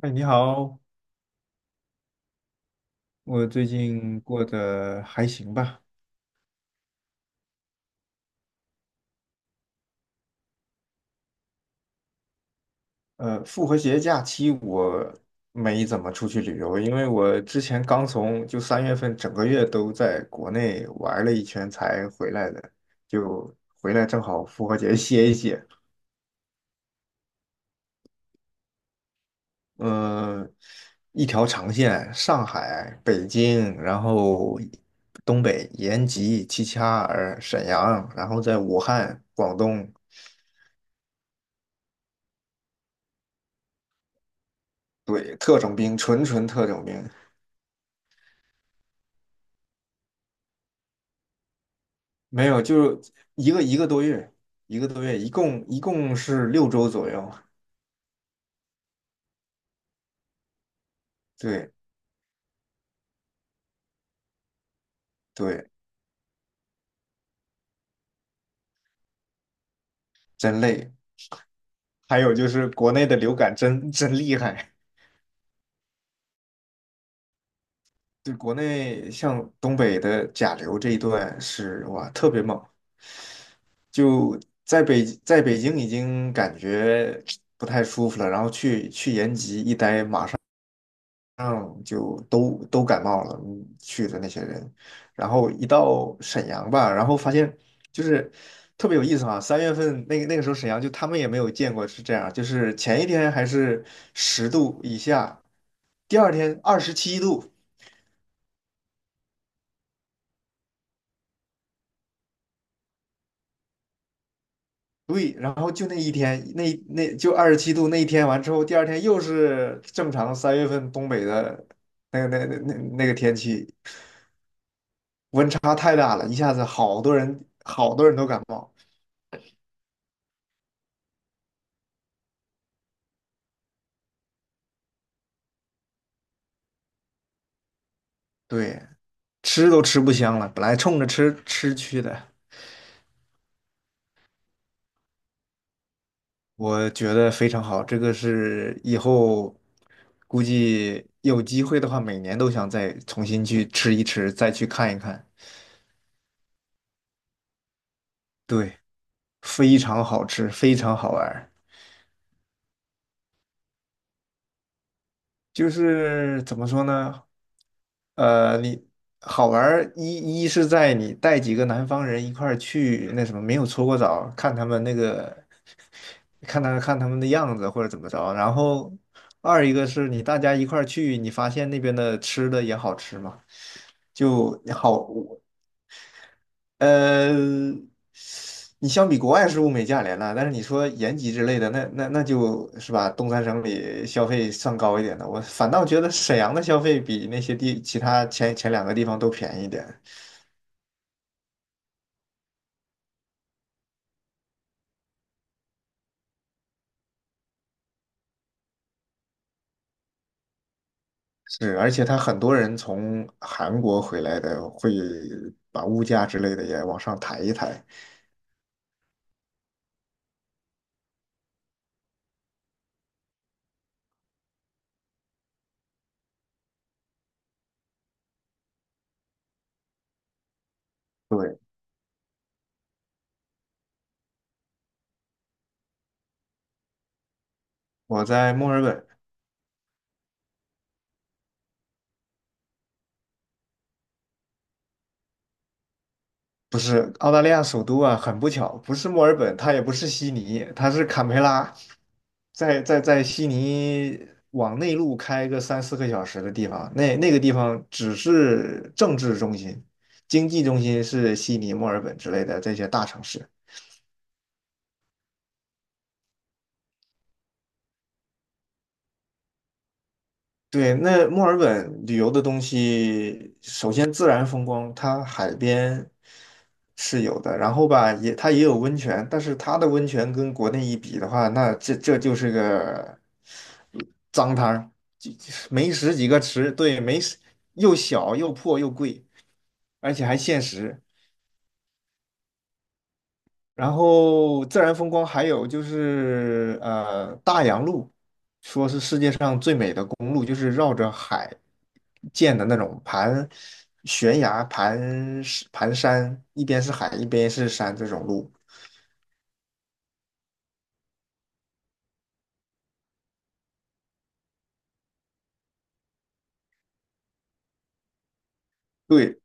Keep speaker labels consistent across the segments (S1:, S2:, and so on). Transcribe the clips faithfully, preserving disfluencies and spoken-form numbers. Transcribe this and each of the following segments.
S1: 哎，你好，我最近过得还行吧？呃，复活节假期我没怎么出去旅游，因为我之前刚从就三月份整个月都在国内玩了一圈才回来的，就回来正好复活节歇一歇。嗯、一条长线，上海、北京，然后东北延吉、齐齐哈尔、沈阳，然后在武汉、广东，对，特种兵，纯纯特种兵。没有，就是一个一个多月，一个多月，一共一共是六周左右。对，对，真累。还有就是国内的流感真真厉害，对国内像东北的甲流这一段是哇特别猛，就在北在北京已经感觉不太舒服了，然后去去延吉一待，马上。嗯，就都都感冒了，嗯去的那些人，然后一到沈阳吧，然后发现就是特别有意思啊。三月份那个那个时候沈阳就他们也没有见过是这样，就是前一天还是十度以下，第二天二十七度，对，然后就那一天那那就二十七度那一天完之后，第二天又是正常三月份东北的那个那那那那个天气，温差太大了，一下子好多人好多人都感冒，对。吃都吃不香了，本来冲着吃吃去的，我觉得非常好。这个是以后估计有机会的话，每年都想再重新去吃一吃，再去看一看。对，非常好吃，非常好玩儿。就是怎么说呢？呃，你好玩儿一一是在你带几个南方人一块儿去那什么，没有搓过澡，看他们那个，看他看他们的样子或者怎么着。然后二一个是你大家一块儿去，你发现那边的吃的也好吃嘛，就好。呃，你相比国外是物美价廉了，但是你说延吉之类的，那那那就是吧，东三省里消费算高一点的。我反倒觉得沈阳的消费比那些地其他前前两个地方都便宜一点。是，而且他很多人从韩国回来的，会把物价之类的也往上抬一抬。对，我在墨尔本。不是澳大利亚首都啊，很不巧，不是墨尔本，它也不是悉尼，它是坎培拉，在在在悉尼往内陆开个三四个小时的地方，那那个地方只是政治中心，经济中心是悉尼、墨尔本之类的这些大城市。对，那墨尔本旅游的东西，首先自然风光，它海边是有的，然后吧，也它也有温泉，但是它的温泉跟国内一比的话，那这这就是个脏摊儿，就就是没十几个池，对，没十又小又破又贵，而且还限时。然后自然风光还有就是呃大洋路。的公路，就是绕着海建的那种盘悬崖、盘石盘山，一边是海，一边是山这种路。对，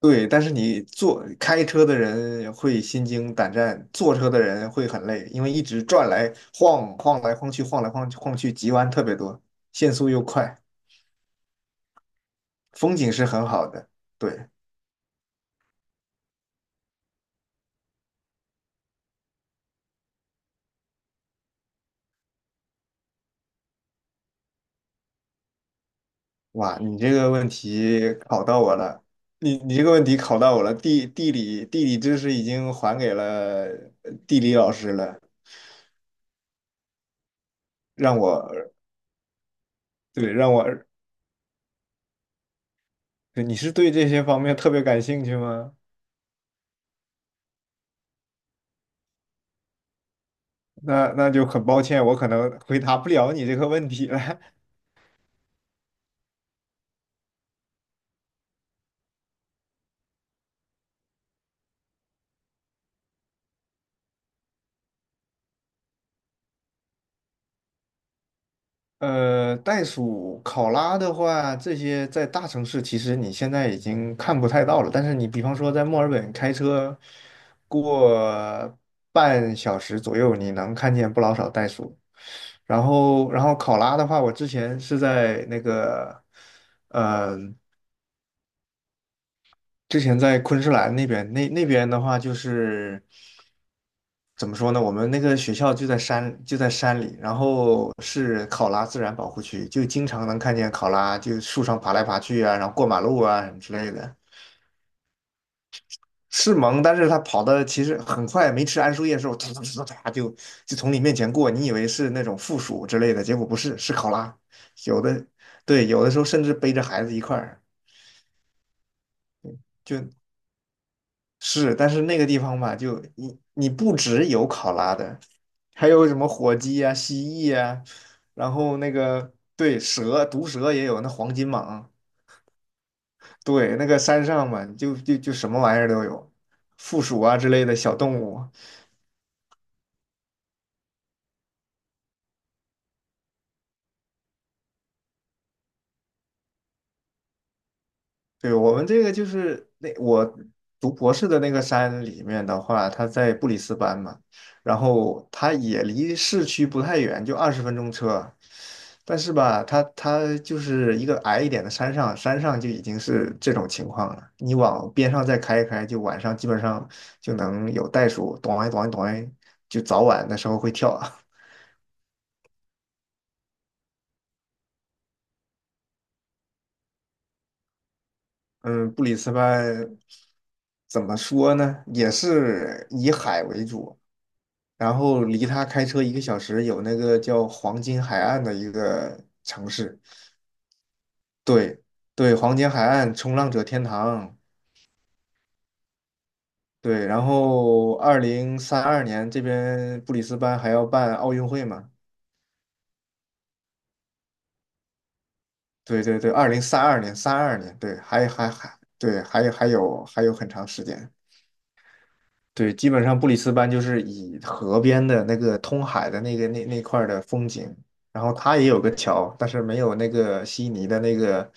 S1: 对，但是你坐开车的人会心惊胆战，坐车的人会很累，因为一直转来晃晃来晃去，晃来晃去晃去，急弯特别多，限速又快，风景是很好的。对。哇，你这个问题考到我了，你你这个问题考到我了，地地理地理知识已经还给了呃地理老师了，让我对让我对你是对这些方面特别感兴趣吗？那那就很抱歉，我可能回答不了你这个问题了。呃，袋鼠、考拉的话，这些在大城市其实你现在已经看不太到了。但是你比方说在墨尔本开车过半小时左右，你能看见不老少袋鼠。然后，然后考拉的话，我之前是在那个，呃之前在昆士兰那边，那那边的话就是怎么说呢？我们那个学校就在山就在山里，然后是考拉自然保护区，就经常能看见考拉就树上爬来爬去啊，然后过马路啊什么之类的。是萌，但是它跑的其实很快，没吃桉树叶的时候，突突突突就就从你面前过，你以为是那种负鼠之类的，结果不是，是考拉。有的对，有的时候甚至背着孩子一块儿，就是，但是那个地方吧，就你你不只有考拉的，还有什么火鸡啊、蜥蜴啊，然后那个对蛇、毒蛇也有，那黄金蟒，对，那个山上嘛，就就就什么玩意儿都有，负鼠啊之类的小动物。对，我们这个就是那我读博士的那个山里面的话，它在布里斯班嘛，然后它也离市区不太远，就二十分钟车。但是吧，它它就是一个矮一点的山上，山上就已经是这种情况了。你往边上再开一开，就晚上基本上就能有袋鼠，咚哎咚哎咚哎，就早晚的时候会跳。嗯，布里斯班怎么说呢？也是以海为主，然后离他开车一个小时有那个叫黄金海岸的一个城市，对，对，黄金海岸冲浪者天堂，对，然后二零三二年这边布里斯班还要办奥运会嘛，对，对，对，二零三二年三二年，对，还还还对，还有还有还有很长时间，对，基本上布里斯班就是以河边的那个通海的那个那那块儿的风景，然后它也有个桥，但是没有那个悉尼的那个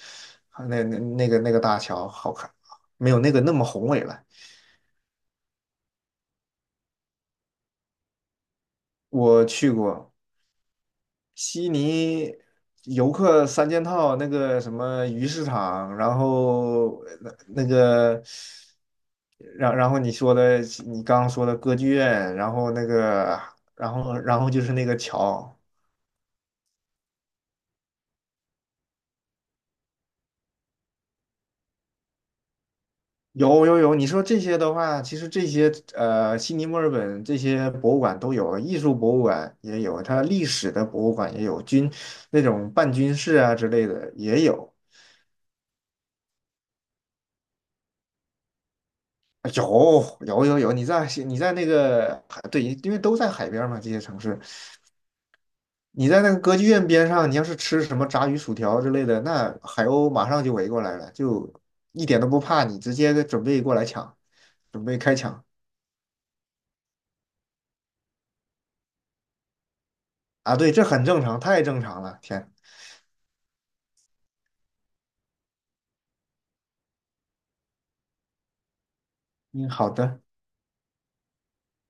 S1: 那那那个那个大桥好看，没有那个那么宏伟了。我去过悉尼游客三件套，那个什么鱼市场，然后那那个，然然后你说的你刚刚说的歌剧院，然后那个，然后然后就是那个桥。有，有，有，你说这些的话，其实这些呃，悉尼、墨尔本这些博物馆都有，艺术博物馆也有，它历史的博物馆也有，军那种半军事啊之类的也有，啊，有，有，有，有。你在悉你在那个海，对，因为都在海边嘛，这些城市，你在那个歌剧院边上，你要是吃什么炸鱼薯条之类的，那海鸥马上就围过来了，就一点都不怕你，直接准备过来抢，准备开抢啊！对，这很正常，太正常了，天，嗯，好的。